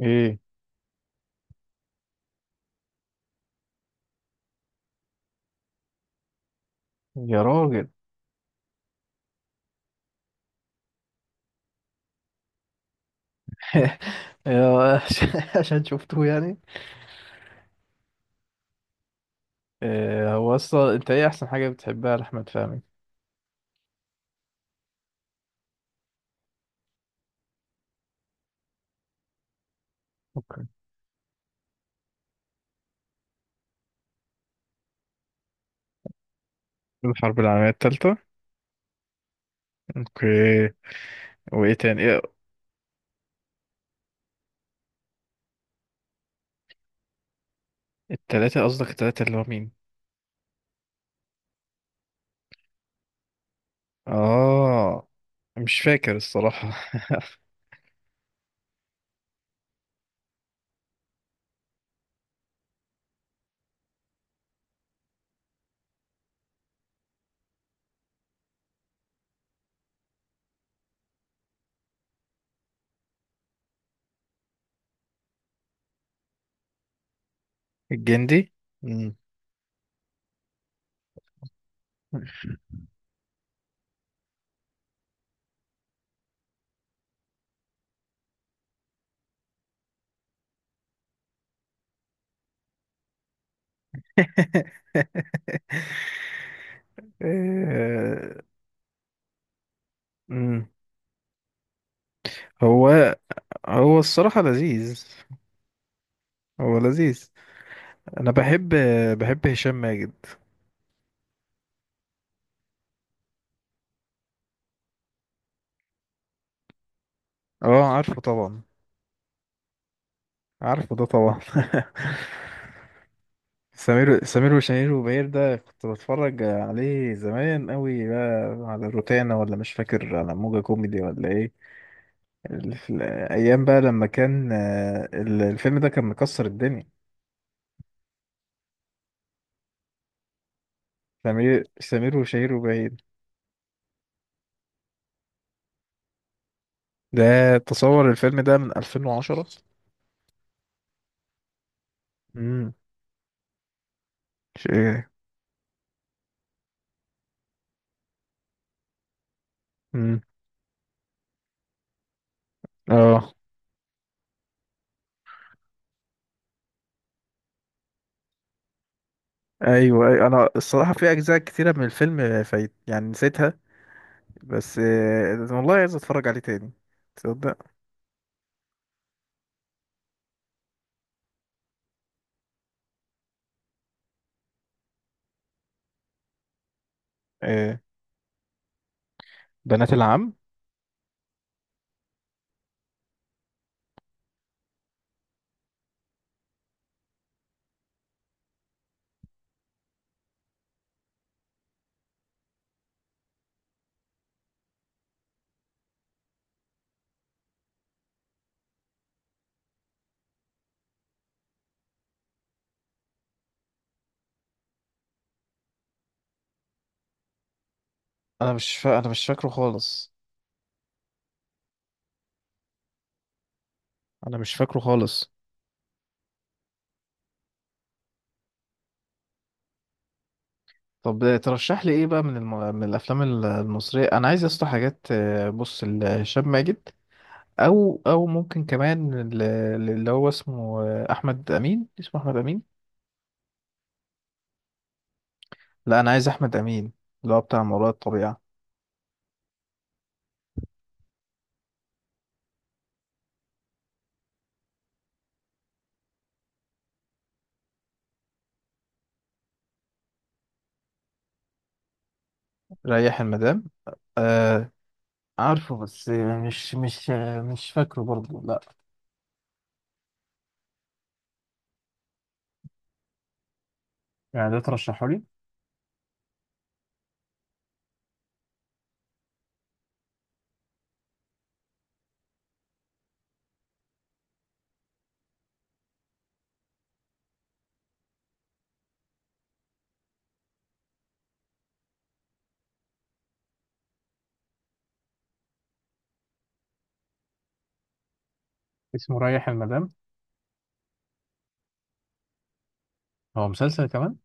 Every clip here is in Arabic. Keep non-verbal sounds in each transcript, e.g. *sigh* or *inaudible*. ايه يا راجل. *laughs* يا- عشان عشان شفته يعني. إيه هو اصلا، انت ايه احسن حاجة بتحبها لأحمد فهمي؟ اوكي. الحرب العالمية التالتة. اوكي. وايه تاني، ايه؟ التلاتة، قصدك التلاتة اللي هو مين؟ اه، مش فاكر الصراحة. *laughs* الجندي. مم. *laughs* إيه، مم. هو هو الصراحة لذيذ. هو لذيذ. انا بحب هشام ماجد. اه، عارفه طبعا. عارفه ده طبعا. *laughs* سمير وشهير وبهير، ده كنت بتفرج عليه زمان قوي بقى على روتانا، ولا مش فاكر، على موجة كوميدي، ولا ايه؟ في الايام بقى، لما كان الفيلم ده كان مكسر الدنيا. سمير وشهير وبهير، ده تصور الفيلم ده من 2010. امم. شيء. امم. اه، ايوه، أيوة. انا الصراحه، في اجزاء كتيره من الفيلم فايت، يعني نسيتها. بس والله عايز اتفرج عليه تاني. تصدق. آه. بنات العم. انا مش فاكره خالص. انا مش فاكره خالص. طب ترشح لي ايه بقى، من الافلام المصريه، انا عايز اسطح حاجات، بص لهشام ماجد. او ممكن كمان، اللي هو اسمه احمد امين، اسمه احمد امين. لا، انا عايز احمد امين. اللي هو بتاع ما وراء الطبيعه. ريح المدام. آه، عارفه، بس مش فاكره برضه، لا. يعني ده ترشحه لي؟ اسمه ريح المدام. هو مسلسل كمان؟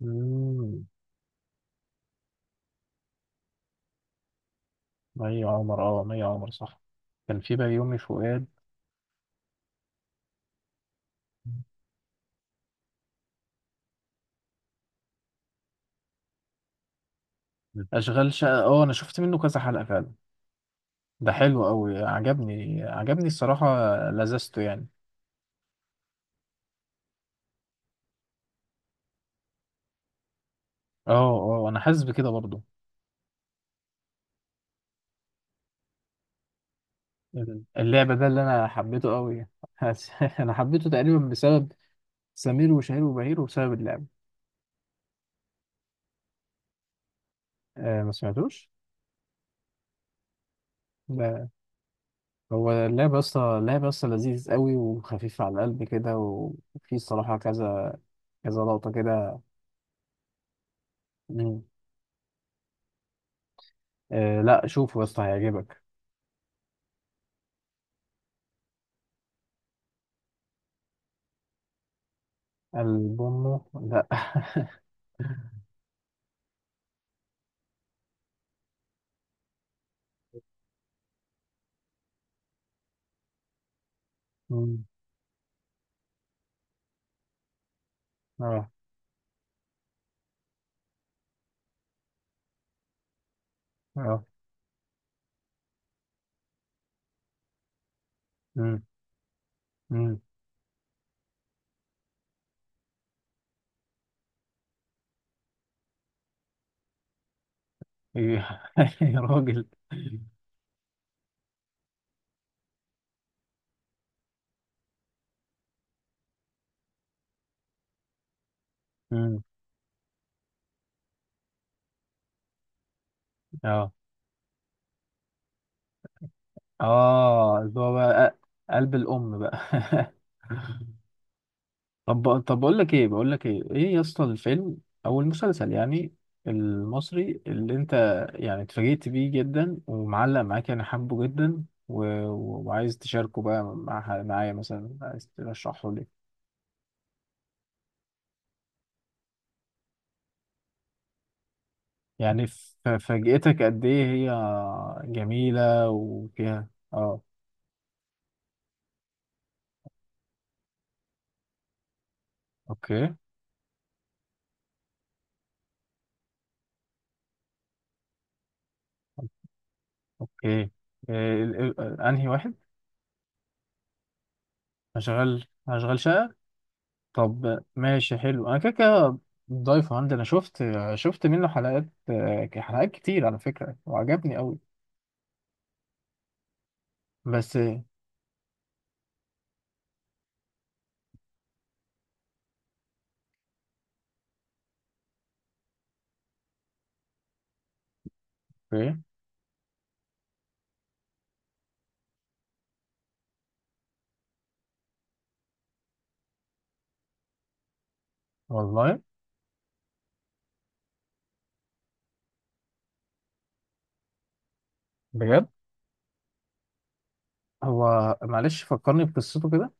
مم. مي عمر، اه، مي عمر، صح. كان في بيومي فؤاد. اشغال شقه، اه، انا شفت منه كذا حلقه فعلا. ده حلو قوي، عجبني عجبني الصراحه. لذذته يعني. اه، اه، انا حاسس بكده برضو. اللعبه ده اللي انا حبيته قوي. حاسس- *laughs* انا حبيته تقريبا بسبب سمير وشهير وبهير، وبسبب اللعبه. آه، ما سمعتوش. لا. هو اللعبه اصلا لذيذ قوي، وخفيف على القلب كده، و- وفي الصراحه، كذا كذا لقطه كده. آه، لا، شوفه يا اسطى، هيعجبك. ألبومه؟ لا. *laughs* مم، اه، اه، مم، مم. إيه، *laughs* يا راجل. مم، اه، اه، اللي هو بقى قلب الأم بقى. *laughs* طب، بقول لك ايه، ايه يا اسطى، الفيلم او المسلسل يعني، المصري اللي انت يعني اتفاجئت بيه جدا ومعلق معاك يعني، حبه جدا، و... و- وعايز تشاركه بقى مع معايا، مثلا عايز ترشحه. يعني، فاجأتك قد ايه هي جميلة، وفيها، اه. اوكي. اوكي. إيه انهي واحد؟ هشغل شقة. طب ماشي حلو، انا كده كده ضايفه عندي، انا شفت منه حلقات، حلقات كتير على فكرة، وعجبني قوي. بس، اوكي. والله. بجد. هو معلش، فكرني بقصته كده.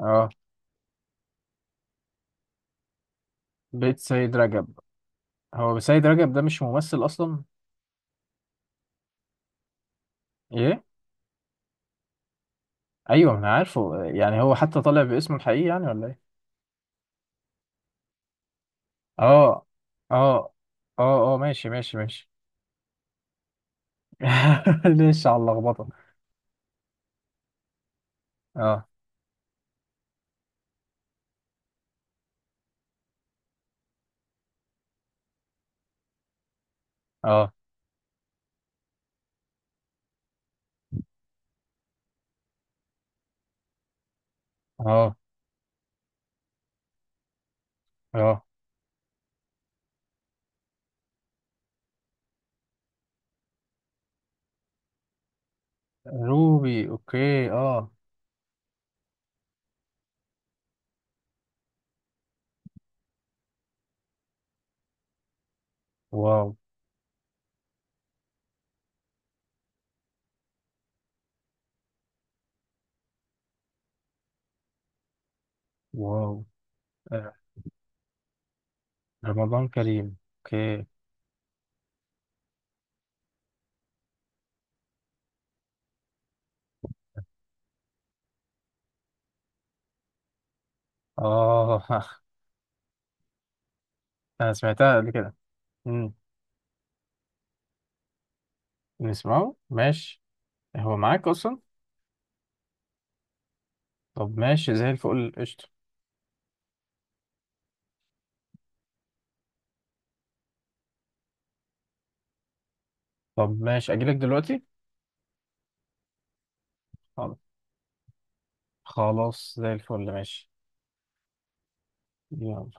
اه، بيت سيد رجب. هو سيد رجب ده مش ممثل اصلا؟ ايه؟ ايوه، ما انا عارفه يعني، هو حتى طالع باسمه الحقيقي يعني، ولا ايه؟ اه، اه، اه، اه، ماشي، ماشي، ماشي. *laughs* ليش على اللخبطه. اه، اه، اه، اه. روبي، اوكي، اه. واو. واو. آه، رمضان كريم، اوكي. اه. *laughs* انا سمعتها قبل كده. امم. نسمعه، ماشي. هو معاك اصلا؟ طب ماشي، زي الفل، قشطه. طب ماشي، اجيلك دلوقتي. خلاص. خلاص، زي الفل، ماشي. يلا.